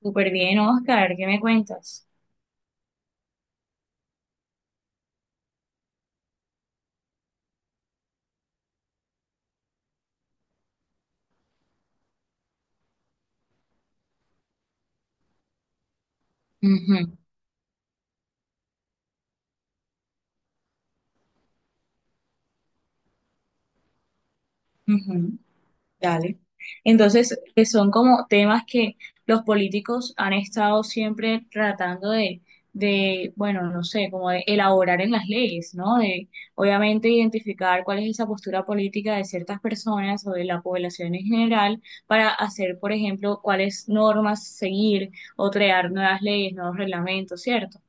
Súper bien, Oscar, ¿qué me cuentas? Ujú, ujú, dale. Entonces, que son como temas que los políticos han estado siempre tratando de, bueno, no sé, como de elaborar en las leyes, ¿no? De, obviamente, identificar cuál es esa postura política de ciertas personas o de la población en general para hacer, por ejemplo, cuáles normas seguir o crear nuevas leyes, nuevos reglamentos, ¿cierto?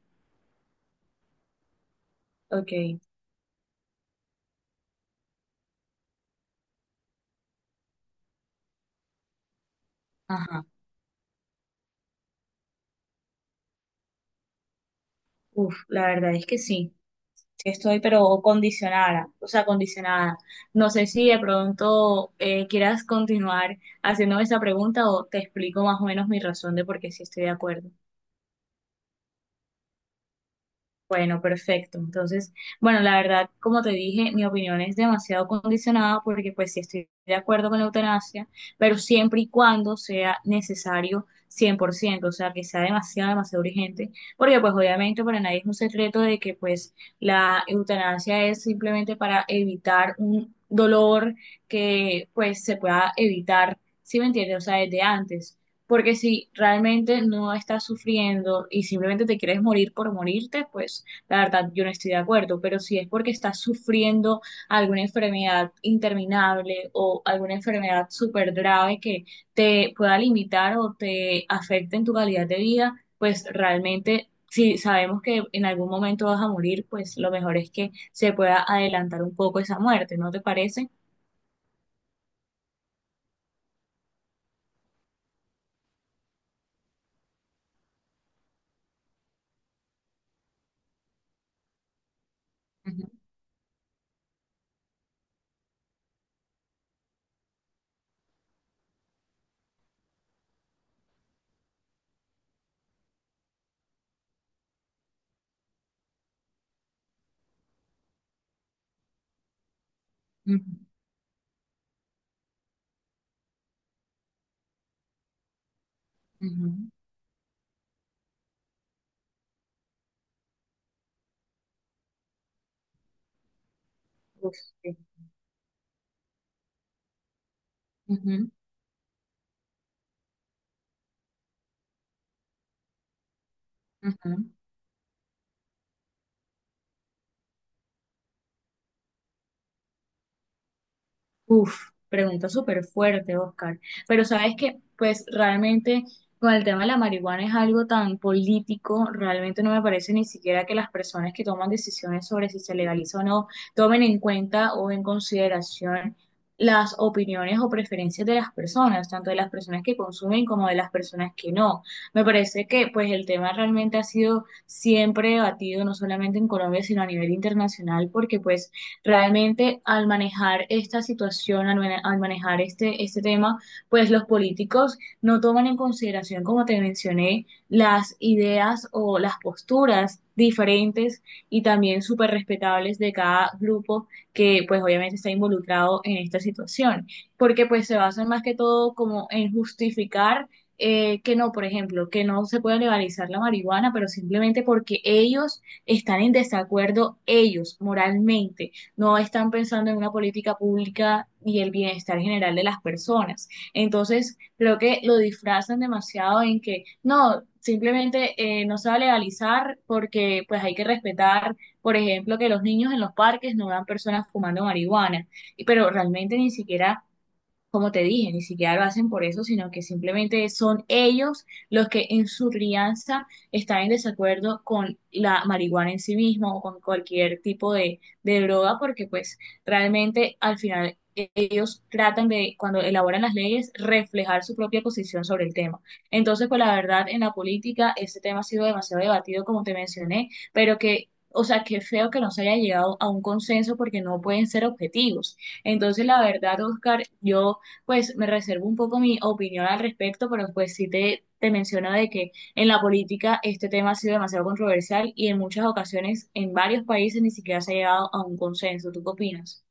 Ok, ajá. Uf, la verdad es que sí. Sí estoy, pero condicionada, o sea, condicionada. No sé si de pronto quieras continuar haciéndome esa pregunta o te explico más o menos mi razón de por qué sí estoy de acuerdo. Bueno, perfecto. Entonces, bueno, la verdad, como te dije, mi opinión es demasiado condicionada porque pues sí estoy de acuerdo con la eutanasia, pero siempre y cuando sea necesario 100%, o sea, que sea demasiado, demasiado urgente, porque pues obviamente para nadie es un secreto de que pues la eutanasia es simplemente para evitar un dolor que pues se pueda evitar, ¿si me entiendes? O sea, desde antes. Porque si realmente no estás sufriendo y simplemente te quieres morir por morirte, pues la verdad yo no estoy de acuerdo. Pero si es porque estás sufriendo alguna enfermedad interminable o alguna enfermedad súper grave que te pueda limitar o te afecte en tu calidad de vida, pues realmente si sabemos que en algún momento vas a morir, pues lo mejor es que se pueda adelantar un poco esa muerte, ¿no te parece? Ujú, ujú, ujú. Uf, sí. Ujú, ujú. Uf, pregunta súper fuerte, Oscar. Pero sabes que, pues realmente con el tema de la marihuana es algo tan político, realmente no me parece ni siquiera que las personas que toman decisiones sobre si se legaliza o no tomen en cuenta o en consideración las opiniones o preferencias de las personas, tanto de las personas que consumen como de las personas que no. Me parece que pues el tema realmente ha sido siempre debatido, no solamente en Colombia, sino a nivel internacional, porque pues realmente al manejar esta situación, al manejar este tema, pues los políticos no toman en consideración, como te mencioné, las ideas o las posturas diferentes y también súper respetables de cada grupo que pues obviamente está involucrado en esta situación, porque pues se basan más que todo como en justificar que no, por ejemplo, que no se puede legalizar la marihuana, pero simplemente porque ellos están en desacuerdo, ellos moralmente no están pensando en una política pública y el bienestar general de las personas. Entonces, creo que lo disfrazan demasiado en que no, simplemente no se va a legalizar porque pues hay que respetar, por ejemplo, que los niños en los parques no vean personas fumando marihuana, pero realmente ni siquiera, como te dije, ni siquiera lo hacen por eso, sino que simplemente son ellos los que en su crianza están en desacuerdo con la marihuana en sí misma o con cualquier tipo de droga, porque pues realmente al final ellos tratan de, cuando elaboran las leyes, reflejar su propia posición sobre el tema. Entonces, pues la verdad, en la política, este tema ha sido demasiado debatido, como te mencioné, pero que, o sea, qué feo que no se haya llegado a un consenso porque no pueden ser objetivos. Entonces, la verdad, Oscar, yo pues me reservo un poco mi opinión al respecto, pero pues sí te menciono de que en la política este tema ha sido demasiado controversial y en muchas ocasiones en varios países ni siquiera se ha llegado a un consenso. ¿Tú qué opinas?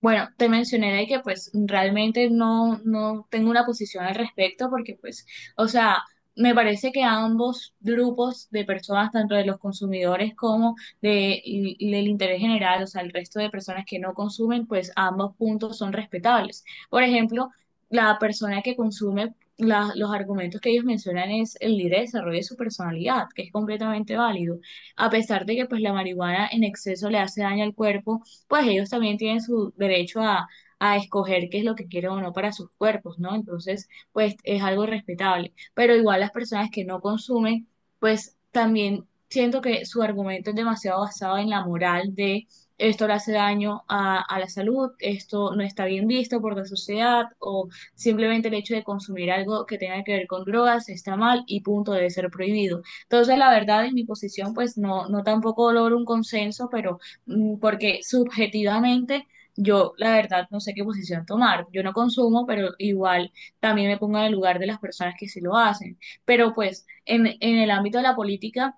Bueno, te mencioné de que pues realmente no tengo una posición al respecto porque pues, o sea, me parece que ambos grupos de personas, tanto de los consumidores como de, y del interés general, o sea, el resto de personas que no consumen, pues ambos puntos son respetables. Por ejemplo, la persona que consume, los argumentos que ellos mencionan es el libre desarrollo de su personalidad, que es completamente válido. A pesar de que pues la marihuana en exceso le hace daño al cuerpo, pues ellos también tienen su derecho a escoger qué es lo que quieren o no para sus cuerpos, ¿no? Entonces, pues es algo respetable. Pero igual las personas que no consumen, pues también siento que su argumento es demasiado basado en la moral de esto le hace daño a la salud, esto no está bien visto por la sociedad o simplemente el hecho de consumir algo que tenga que ver con drogas está mal y punto, debe ser prohibido. Entonces, la verdad, en mi posición, pues no tampoco logro un consenso, pero porque subjetivamente yo la verdad no sé qué posición tomar. Yo no consumo, pero igual también me pongo en el lugar de las personas que sí lo hacen. Pero pues en el ámbito de la política,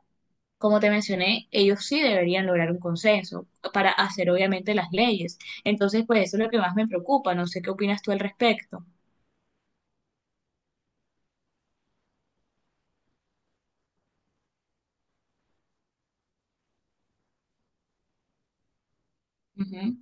como te mencioné, ellos sí deberían lograr un consenso para hacer obviamente las leyes. Entonces, pues eso es lo que más me preocupa. No sé qué opinas tú al respecto. Ujú.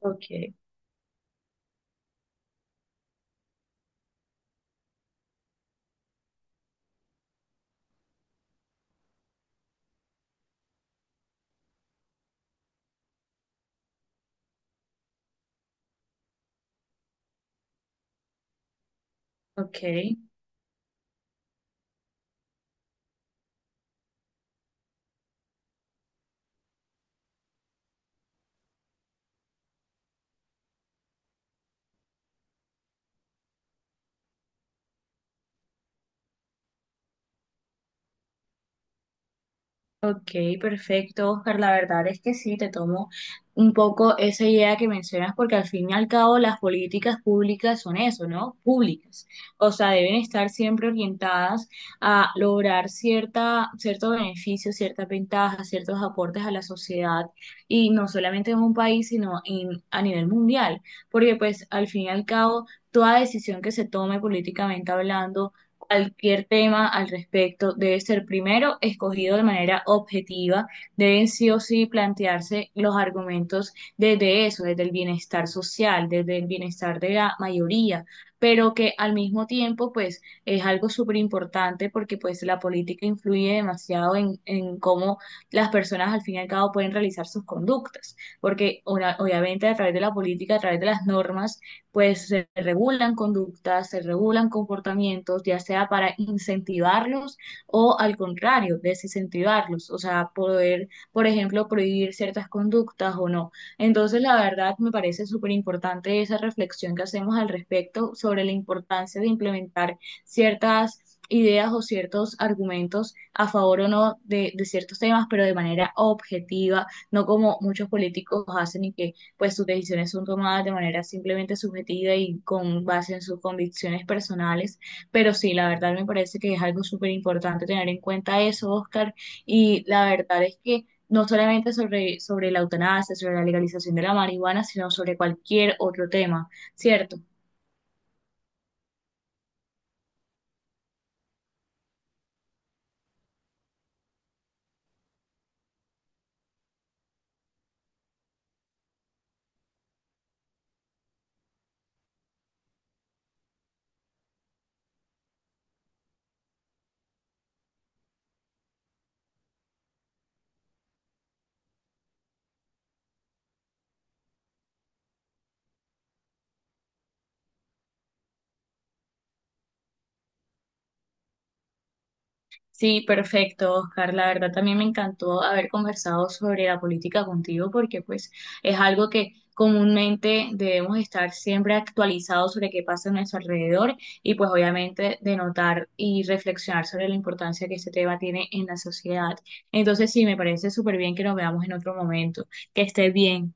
Ok, ok. Ok, perfecto, Oscar. La verdad es que sí, te tomo un poco esa idea que mencionas, porque al fin y al cabo las políticas públicas son eso, ¿no? Públicas. O sea, deben estar siempre orientadas a lograr cierto beneficio, ciertas ventajas, ciertos aportes a la sociedad, y no solamente en un país, a nivel mundial, porque pues al fin y al cabo, toda decisión que se tome políticamente hablando, cualquier tema al respecto debe ser primero escogido de manera objetiva, deben sí o sí plantearse los argumentos desde eso, desde el bienestar social, desde el bienestar de la mayoría, pero que al mismo tiempo pues es algo súper importante porque pues la política influye demasiado en cómo las personas al fin y al cabo pueden realizar sus conductas, porque una obviamente a través de la política, a través de las normas, pues se regulan conductas, se regulan comportamientos, ya sea para incentivarlos o al contrario, desincentivarlos, o sea, poder, por ejemplo, prohibir ciertas conductas o no. Entonces, la verdad, me parece súper importante esa reflexión que hacemos al respecto sobre la importancia de implementar ciertas ideas o ciertos argumentos a favor o no de ciertos temas, pero de manera objetiva, no como muchos políticos hacen y que pues sus decisiones son tomadas de manera simplemente subjetiva y con base en sus convicciones personales. Pero sí, la verdad me parece que es algo súper importante tener en cuenta eso, Oscar, y la verdad es que no solamente sobre la eutanasia, sobre la legalización de la marihuana, sino sobre cualquier otro tema, ¿cierto? Sí, perfecto, Oscar. La verdad también me encantó haber conversado sobre la política contigo porque pues es algo que comúnmente debemos estar siempre actualizados sobre qué pasa a nuestro alrededor y pues obviamente de notar y reflexionar sobre la importancia que este tema tiene en la sociedad. Entonces sí, me parece súper bien que nos veamos en otro momento. Que estés bien.